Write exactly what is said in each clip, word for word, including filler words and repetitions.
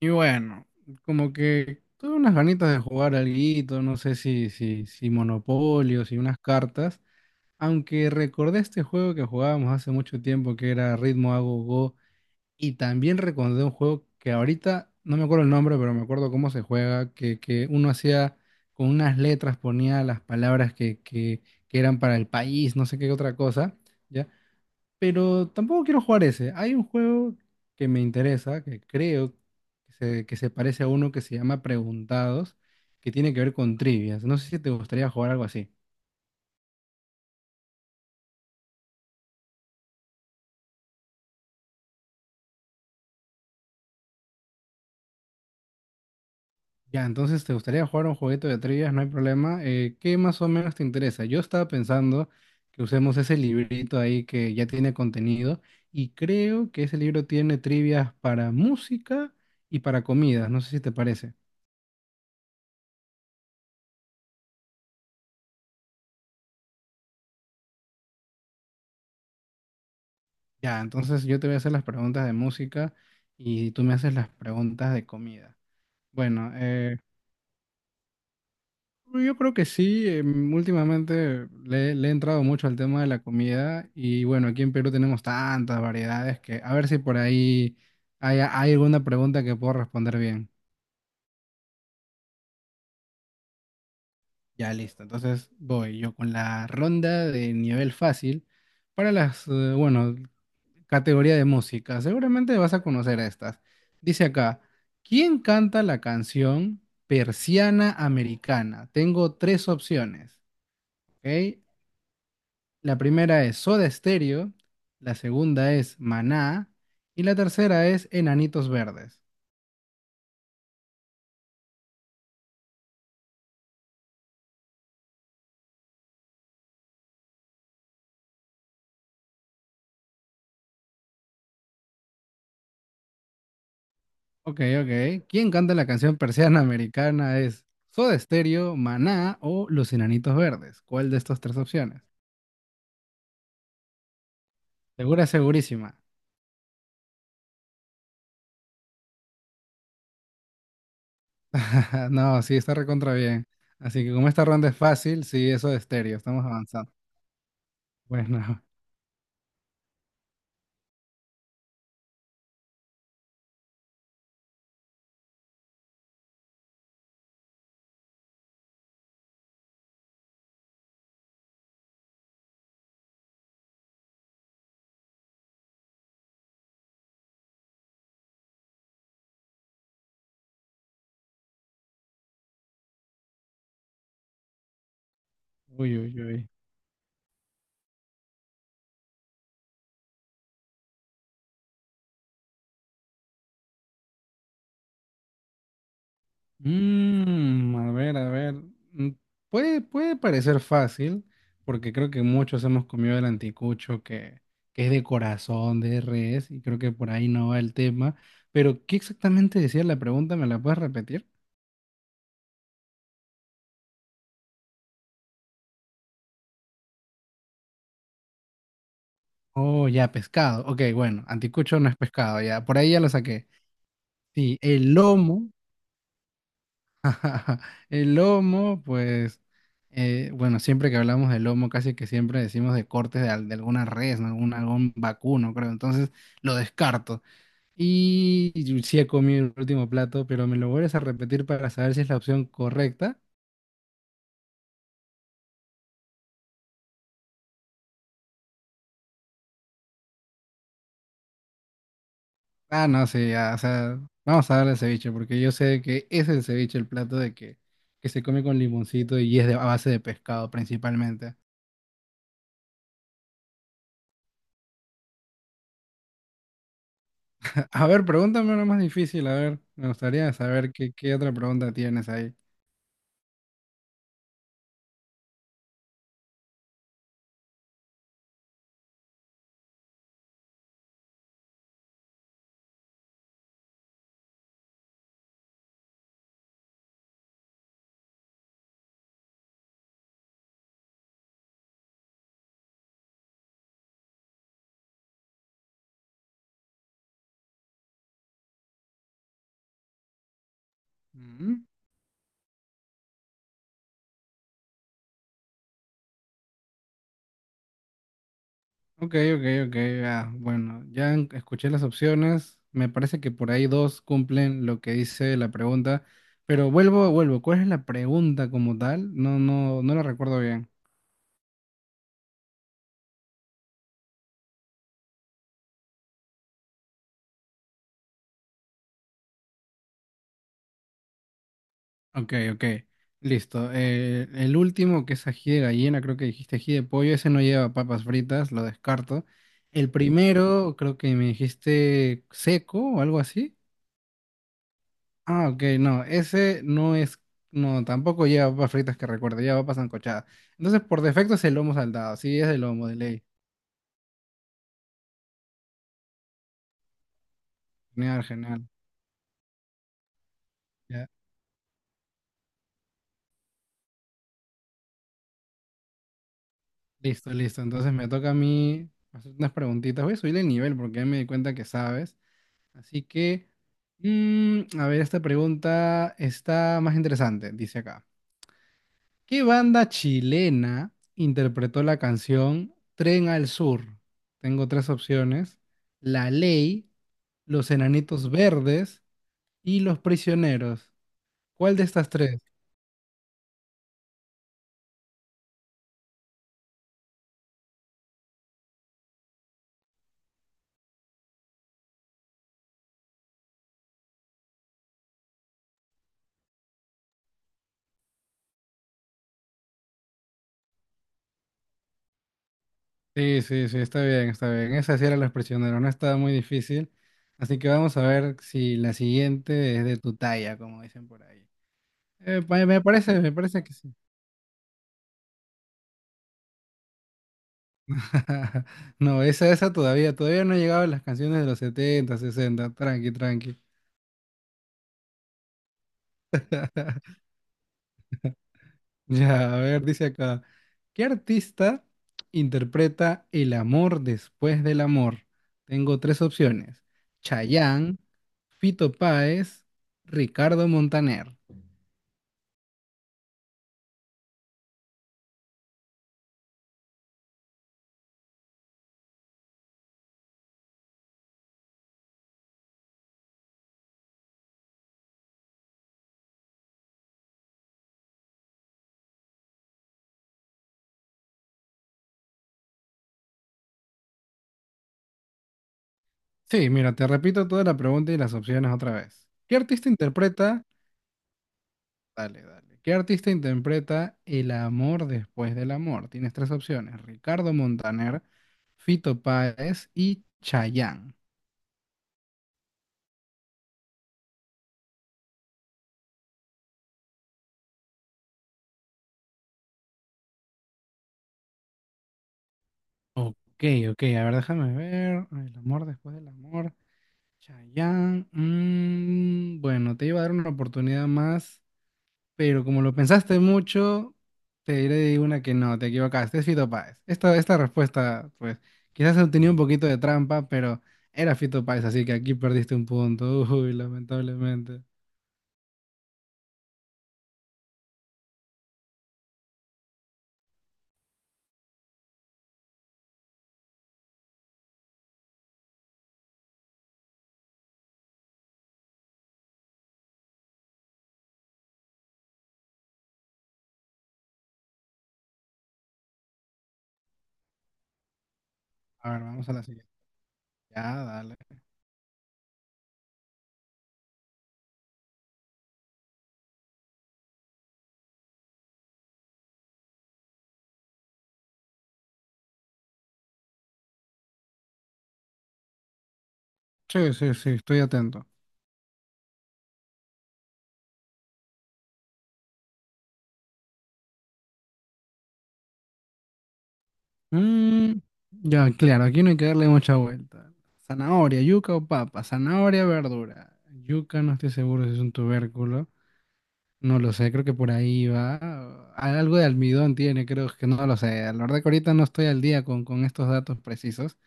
Y bueno, como que tuve unas ganitas de jugar alguito, no sé si, si, si Monopolio, si unas cartas, aunque recordé este juego que jugábamos hace mucho tiempo que era Ritmo a Go Go, y también recordé un juego que ahorita no me acuerdo el nombre, pero me acuerdo cómo se juega, que, que uno hacía con unas letras, ponía las palabras que, que, que eran para el país, no sé qué otra cosa, ¿ya? Pero tampoco quiero jugar ese. Hay un juego que me interesa, que creo que se, que se parece a uno que se llama Preguntados, que tiene que ver con trivias. No sé si te gustaría jugar algo así. Ya, entonces te gustaría jugar un jueguito de trivias, no hay problema. Eh, ¿qué más o menos te interesa? Yo estaba pensando que usemos ese librito ahí que ya tiene contenido y creo que ese libro tiene trivias para música y para comidas. No sé si te parece. Ya, entonces yo te voy a hacer las preguntas de música y tú me haces las preguntas de comida. Bueno, eh, yo creo que sí, em, últimamente le, le he entrado mucho al tema de la comida y bueno, aquí en Perú tenemos tantas variedades que a ver si por ahí hay, hay alguna pregunta que puedo responder bien. Ya listo, entonces voy yo con la ronda de nivel fácil para las, eh, bueno, categoría de música. Seguramente vas a conocer estas. Dice acá, ¿quién canta la canción Persiana Americana? Tengo tres opciones, ¿ok? La primera es Soda Stereo, la segunda es Maná y la tercera es Enanitos Verdes. Ok, ok. ¿Quién canta la canción Persiana Americana? ¿Es Soda Stereo, Maná o Los Enanitos Verdes? ¿Cuál de estas tres opciones? Segura, segurísima. No, sí, está recontra bien. Así que como esta ronda es fácil, sí, eso de Stereo. Estamos avanzando. Bueno, uy, uy, uy. Mm, a ver, a ver. Mm, Puede, puede parecer fácil, porque creo que muchos hemos comido el anticucho que, que es de corazón, de res, y creo que por ahí no va el tema. Pero, ¿qué exactamente decía la pregunta? ¿Me la puedes repetir? Oh, ya, pescado. Ok, bueno, anticucho no es pescado, ya. Por ahí ya lo saqué. Sí, el lomo. El lomo, pues, eh, bueno, siempre que hablamos de lomo, casi que siempre decimos de cortes de, al- de alguna res, ¿no? Algún, algún vacuno, creo. Entonces lo descarto. Y yo sí he comido el último plato, pero me lo vuelves a repetir para saber si es la opción correcta. Ah, no, sí, ya, o sea, vamos a darle ceviche, porque yo sé que ese es el ceviche, el plato de que, que se come con limoncito y es de, a base de pescado principalmente. A ver, pregúntame una más difícil, a ver, me gustaría saber qué, qué otra pregunta tienes ahí. Ujú. Ok, ok, ok. Ah, bueno, ya en- escuché las opciones. Me parece que por ahí dos cumplen lo que dice la pregunta. Pero vuelvo, vuelvo. ¿Cuál es la pregunta como tal? No, no, no la recuerdo bien. Ok, ok. Listo. Eh, el último, que es ají de gallina, creo que dijiste ají de pollo. Ese no lleva papas fritas, lo descarto. El sí, primero, creo que me dijiste seco o algo así. Ah, ok, no, ese no es, no, tampoco lleva papas fritas que recuerde, lleva papas sancochadas. Entonces, por defecto es el lomo saltado, sí, es el lomo de ley. Genial, genial. Ya, listo, listo. Entonces me toca a mí hacer unas preguntitas. Voy a subir el nivel porque ya me di cuenta que sabes. Así que, mm, a ver, esta pregunta está más interesante, dice acá. ¿Qué banda chilena interpretó la canción Tren al Sur? Tengo tres opciones. La Ley, los Enanitos Verdes y Los Prisioneros. ¿Cuál de estas tres? Sí, sí, sí, está bien, está bien. Esa sí era Los Prisioneros, no estaba muy difícil. Así que vamos a ver si la siguiente es de tu talla, como dicen por ahí. Eh, pa- me parece, me parece que sí. No, esa, esa todavía, todavía no ha llegado a las canciones de los setenta, sesenta. Tranqui, tranqui. Ya, a ver, dice acá, ¿qué artista interpreta El amor después del amor? Tengo tres opciones, Chayanne, Fito Páez, Ricardo Montaner. Sí, mira, te repito toda la pregunta y las opciones otra vez. ¿Qué artista interpreta? Dale, dale. ¿Qué artista interpreta El amor después del amor? Tienes tres opciones, Ricardo Montaner, Fito Páez y Chayanne. Ok, ok, a ver, déjame ver. El amor después del amor. Chayanne, mm, bueno, te iba a dar una oportunidad más, pero como lo pensaste mucho, te diré una que no, te equivocaste, es Fito Páez. Esta, esta respuesta, pues, quizás tenía un poquito de trampa, pero era Fito Páez, así que aquí perdiste un punto, uy, lamentablemente. A ver, vamos a la siguiente. Ya, dale. Sí, sí, sí, estoy atento. Mm, ya, claro, aquí no hay que darle mucha vuelta. Zanahoria, yuca o papa. Zanahoria, verdura. Yuca, no estoy seguro si es un tubérculo. No lo sé, creo que por ahí va. Algo de almidón tiene, creo que no lo sé. La verdad que ahorita no estoy al día con, con estos datos precisos.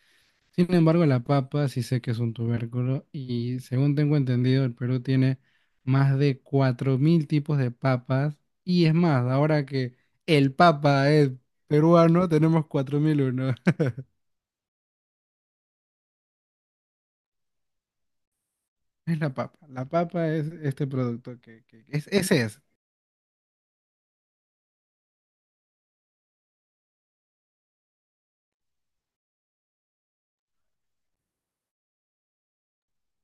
Sin embargo, la papa sí sé que es un tubérculo y según tengo entendido, el Perú tiene más de cuatro mil tipos de papas. Y es más, ahora que el papa es peruano, tenemos cuatro mil uno. Es la papa. La papa es este producto que, que es, ese es.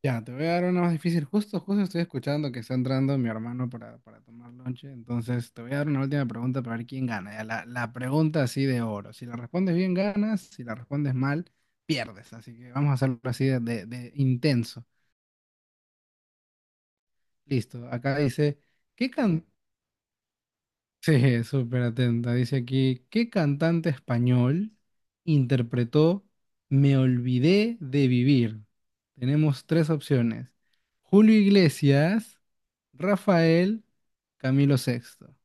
Ya, te voy a dar una más difícil. Justo, justo estoy escuchando que está entrando mi hermano para, para tomar lonche. Entonces, te voy a dar una última pregunta para ver quién gana. Ya, la, la pregunta así de oro. Si la respondes bien, ganas. Si la respondes mal, pierdes. Así que vamos a hacerlo así de, de- de intenso. Listo. Acá dice, ¿qué can- sí, súper atenta. Dice aquí, ¿qué cantante español interpretó Me olvidé de vivir? Tenemos tres opciones. Julio Iglesias, Rafael, Camilo Sexto.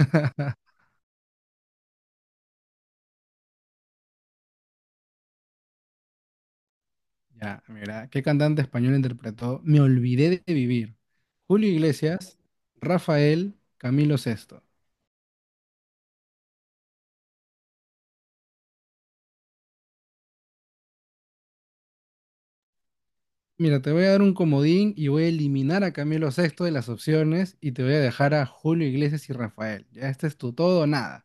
Ya, mira, ¿qué cantante español interpretó Me olvidé de vivir? Julio Iglesias, Rafael, Camilo Sexto. Mira, te voy a dar un comodín y voy a eliminar a Camilo Sexto de las opciones y te voy a dejar a Julio Iglesias y Rafael. Ya este es tu todo o nada.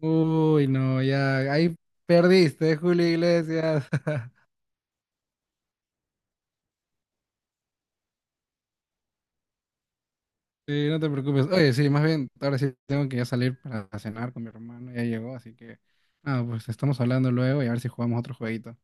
Uy, no, ya ahí perdiste, Julio Iglesias. Sí, no te preocupes. Oye, sí, más bien, ahora sí tengo que ya salir para cenar con mi hermano, ya llegó, así que, ah, pues estamos hablando luego y a ver si jugamos otro jueguito.